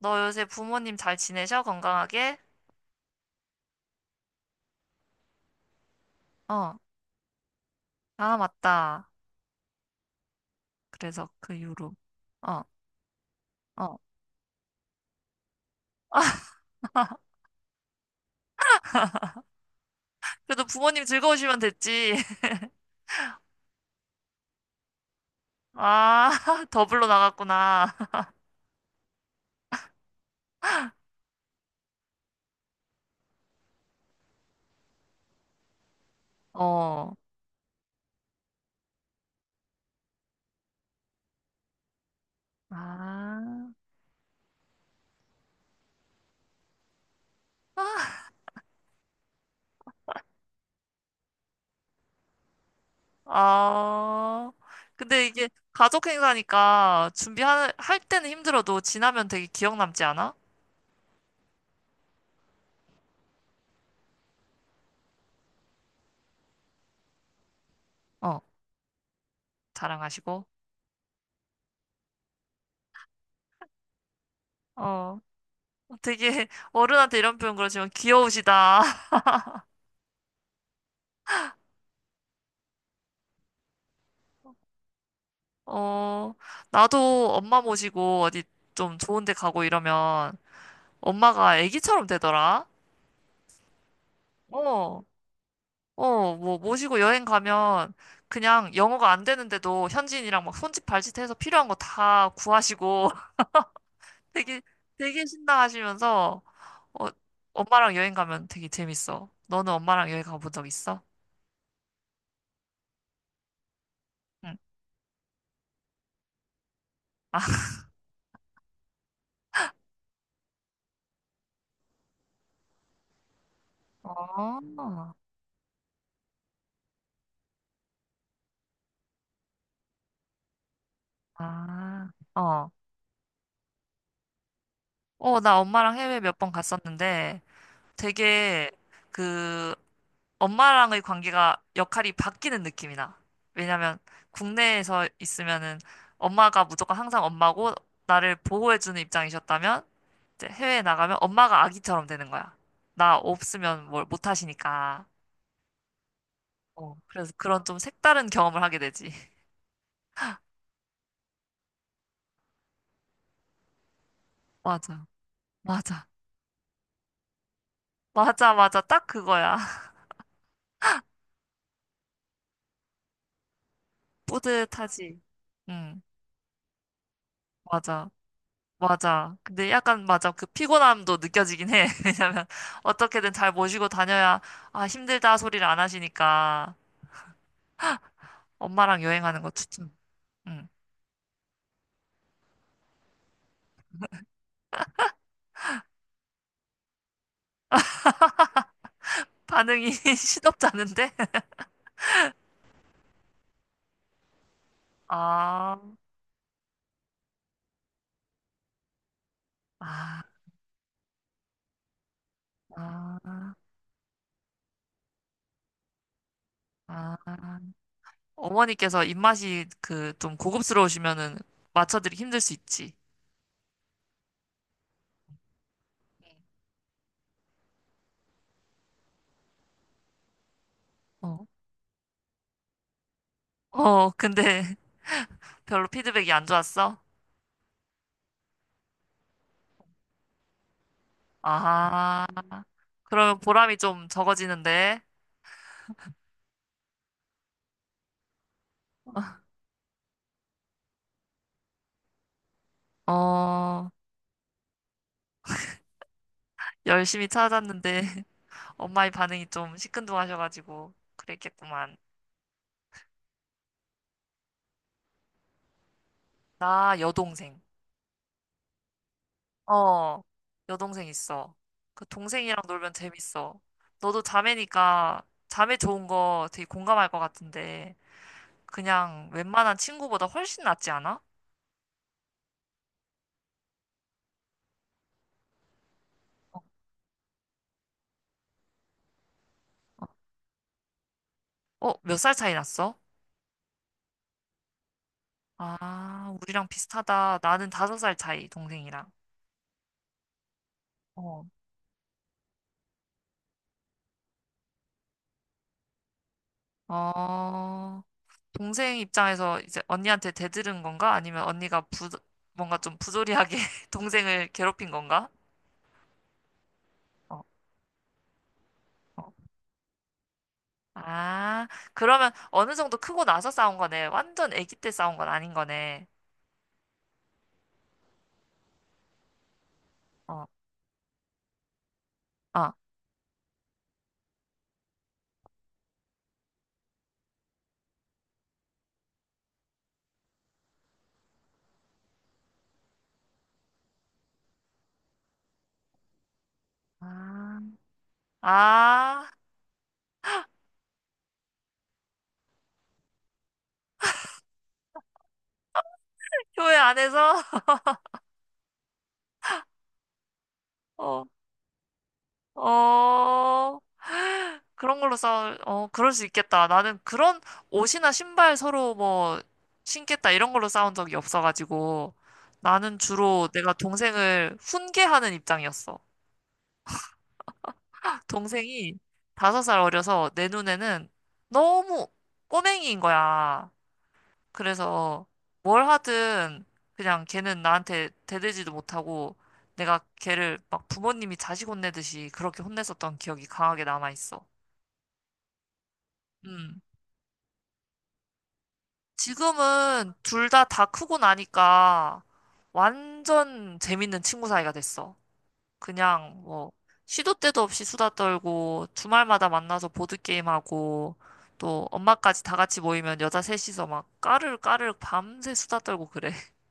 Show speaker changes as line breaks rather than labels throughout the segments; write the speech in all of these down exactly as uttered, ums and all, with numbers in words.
너 요새 부모님 잘 지내셔? 건강하게? 어, 아, 맞다. 그래서 그 이후로. 어, 어. 그래도 부모님 즐거우시면 됐지. 아, 더블로 나갔구나. 어. 아, 아. 근데 이게 가족 행사니까 준비할 할 때는 힘들어도 지나면 되게 기억 남지 않아? 어, 자랑하시고. 어, 되게 어른한테 이런 표현 그러지만 귀여우시다. 어, 나도 엄마 모시고 어디 좀 좋은 데 가고 이러면 엄마가 애기처럼 되더라. 어. 어, 뭐 모시고 여행 가면 그냥 영어가 안 되는데도 현지인이랑 막 손짓 발짓 해서 필요한 거 다 구하시고 되게, 되게 신나하시면서 어, 엄마랑 여행 가면 되게 재밌어. 너는 엄마랑 여행 가본 적 있어? 응. 아, 어, 아, 어. 어, 나 엄마랑 해외 몇 번 갔었는데 되게 그 엄마랑의 관계가 역할이 바뀌는 느낌이 나. 왜냐면 국내에서 있으면은 엄마가 무조건 항상 엄마고 나를 보호해주는 입장이셨다면 이제 해외에 나가면 엄마가 아기처럼 되는 거야. 나 없으면 뭘 못 하시니까. 어, 그래서 그런 좀 색다른 경험을 하게 되지. 맞아, 맞아, 맞아, 맞아. 딱 그거야. 뿌듯하지. 응, 맞아. 맞아. 근데 약간 맞아. 그 피곤함도 느껴지긴 해. 왜냐면 어떻게든 잘 모시고 다녀야 아 힘들다 소리를 안 하시니까 엄마랑 여행하는 거 추천. 응. 반응이 시덥지 않은데? 아, 아, 아, 아. 어머니께서 입맛이 그 좀 고급스러우시면은 맞춰드리기 힘들 수 있지. 어. 어, 근데 별로 피드백이 안 좋았어? 아, 그러면 보람이 좀 적어지는데. 어. 열심히 찾았는데 엄마의 반응이 좀 시큰둥하셔가지고 그랬겠구만. 나 여동생. 어, 여동생 있어. 그 동생이랑 놀면 재밌어. 너도 자매니까 자매 좋은 거 되게 공감할 것 같은데 그냥 웬만한 친구보다 훨씬 낫지 않아? 어, 몇 살 차이 났어? 아, 우리랑 비슷하다. 나는 다섯 살 차이, 동생이랑. 어. 어, 동생 입장에서 이제 언니한테 대들은 건가? 아니면 언니가 부, 뭔가 좀 부조리하게 동생을 괴롭힌 건가? 어, 어. 아, 그러면 어느 정도 크고 나서 싸운 거네. 완전 아기 때 싸운 건 아닌 거네. 어, 어. 아, 아, 교회 안에서? 어, 어, 그런 걸로 싸울, 어, 그럴 수 있겠다. 나는 그런 옷이나 신발 서로 뭐 신겠다 이런 걸로 싸운 적이 없어가지고 나는 주로 내가 동생을 훈계하는 입장이었어. 동생이 다섯 살 어려서 내 눈에는 너무 꼬맹이인 거야. 그래서 뭘 하든 그냥 걔는 나한테 대들지도 못하고 내가 걔를 막 부모님이 자식 혼내듯이 그렇게 혼냈었던 기억이 강하게 남아있어. 음. 지금은 둘 다 다 크고 나니까 완전 재밌는 친구 사이가 됐어. 그냥 뭐 시도 때도 없이 수다 떨고 주말마다 만나서 보드게임하고 또 엄마까지 다 같이 모이면 여자 셋이서 막 까르르까르르 밤새 수다 떨고 그래.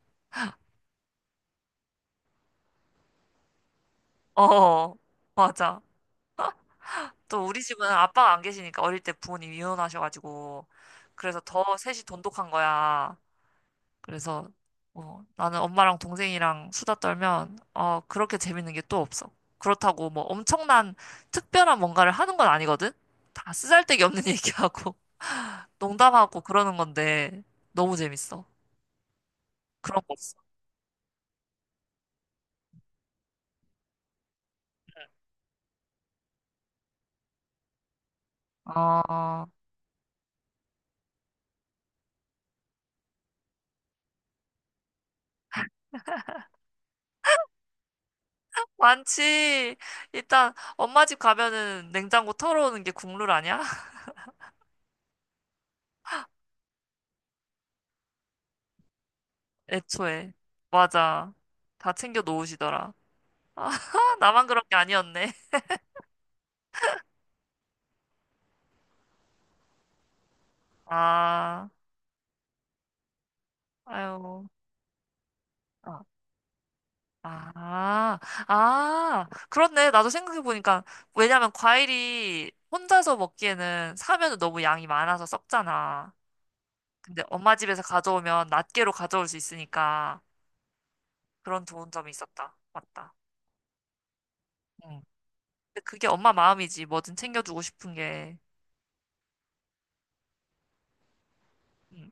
어, 맞아. 또 우리 집은 아빠가 안 계시니까 어릴 때 부모님 이혼하셔가지고 그래서 더 셋이 돈독한 거야. 그래서 어, 나는 엄마랑 동생이랑 수다 떨면 어, 그렇게 재밌는 게 또 없어. 그렇다고 뭐 엄청난 특별한 뭔가를 하는 건 아니거든? 다 쓰잘데기 없는 얘기하고 농담하고 그러는 건데 너무 재밌어. 그런 거 없어. 어, 많지. 일단 엄마 집 가면은 냉장고 털어오는 게 국룰 아니야? 애초에. 맞아. 다 챙겨 놓으시더라. 아, 나만 그런 게 아니었네. 아, 아유. 아. 아, 아, 그렇네. 나도 생각해보니까, 왜냐면 과일이 혼자서 먹기에는 사면은 너무 양이 많아서 썩잖아. 근데 엄마 집에서 가져오면 낱개로 가져올 수 있으니까 그런 좋은 점이 있었다. 맞다. 응. 근데 그게 엄마 마음이지. 뭐든 챙겨주고 싶은 게. 응.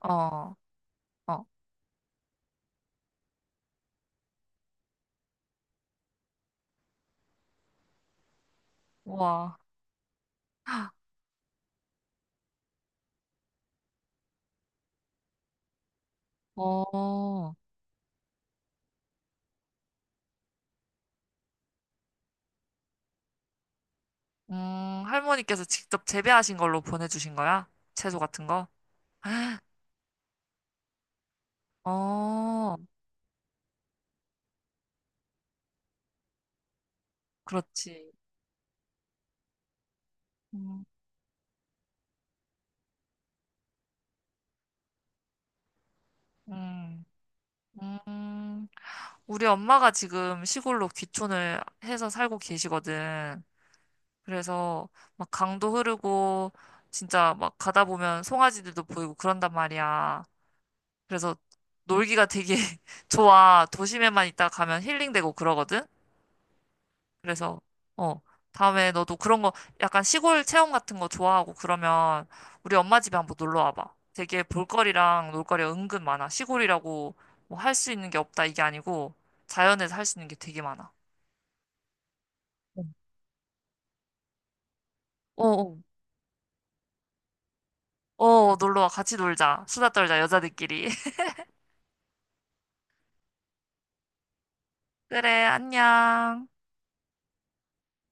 어, 어, 우와, 어, 음, 할머니께서 직접 재배하신 걸로 보내주신 거야? 채소 같은 거? 어, 그렇지. 음, 음. 음, 우리 엄마가 지금 시골로 귀촌을 해서 살고 계시거든. 그래서 막 강도 흐르고 진짜 막 가다 보면 송아지들도 보이고 그런단 말이야. 그래서 놀기가 되게 좋아. 도심에만 있다 가면 힐링되고 그러거든. 그래서, 어, 다음에 너도 그런 거, 약간 시골 체험 같은 거 좋아하고 그러면 우리 엄마 집에 한번 놀러 와봐. 되게 볼거리랑 놀거리가 은근 많아. 시골이라고 뭐 할 수 있는 게 없다 이게 아니고 자연에서 할 수 있는 게 되게 많아. 어, 어, 어, 놀러 와. 같이 놀자. 수다 떨자, 여자들끼리. 그래, 안녕.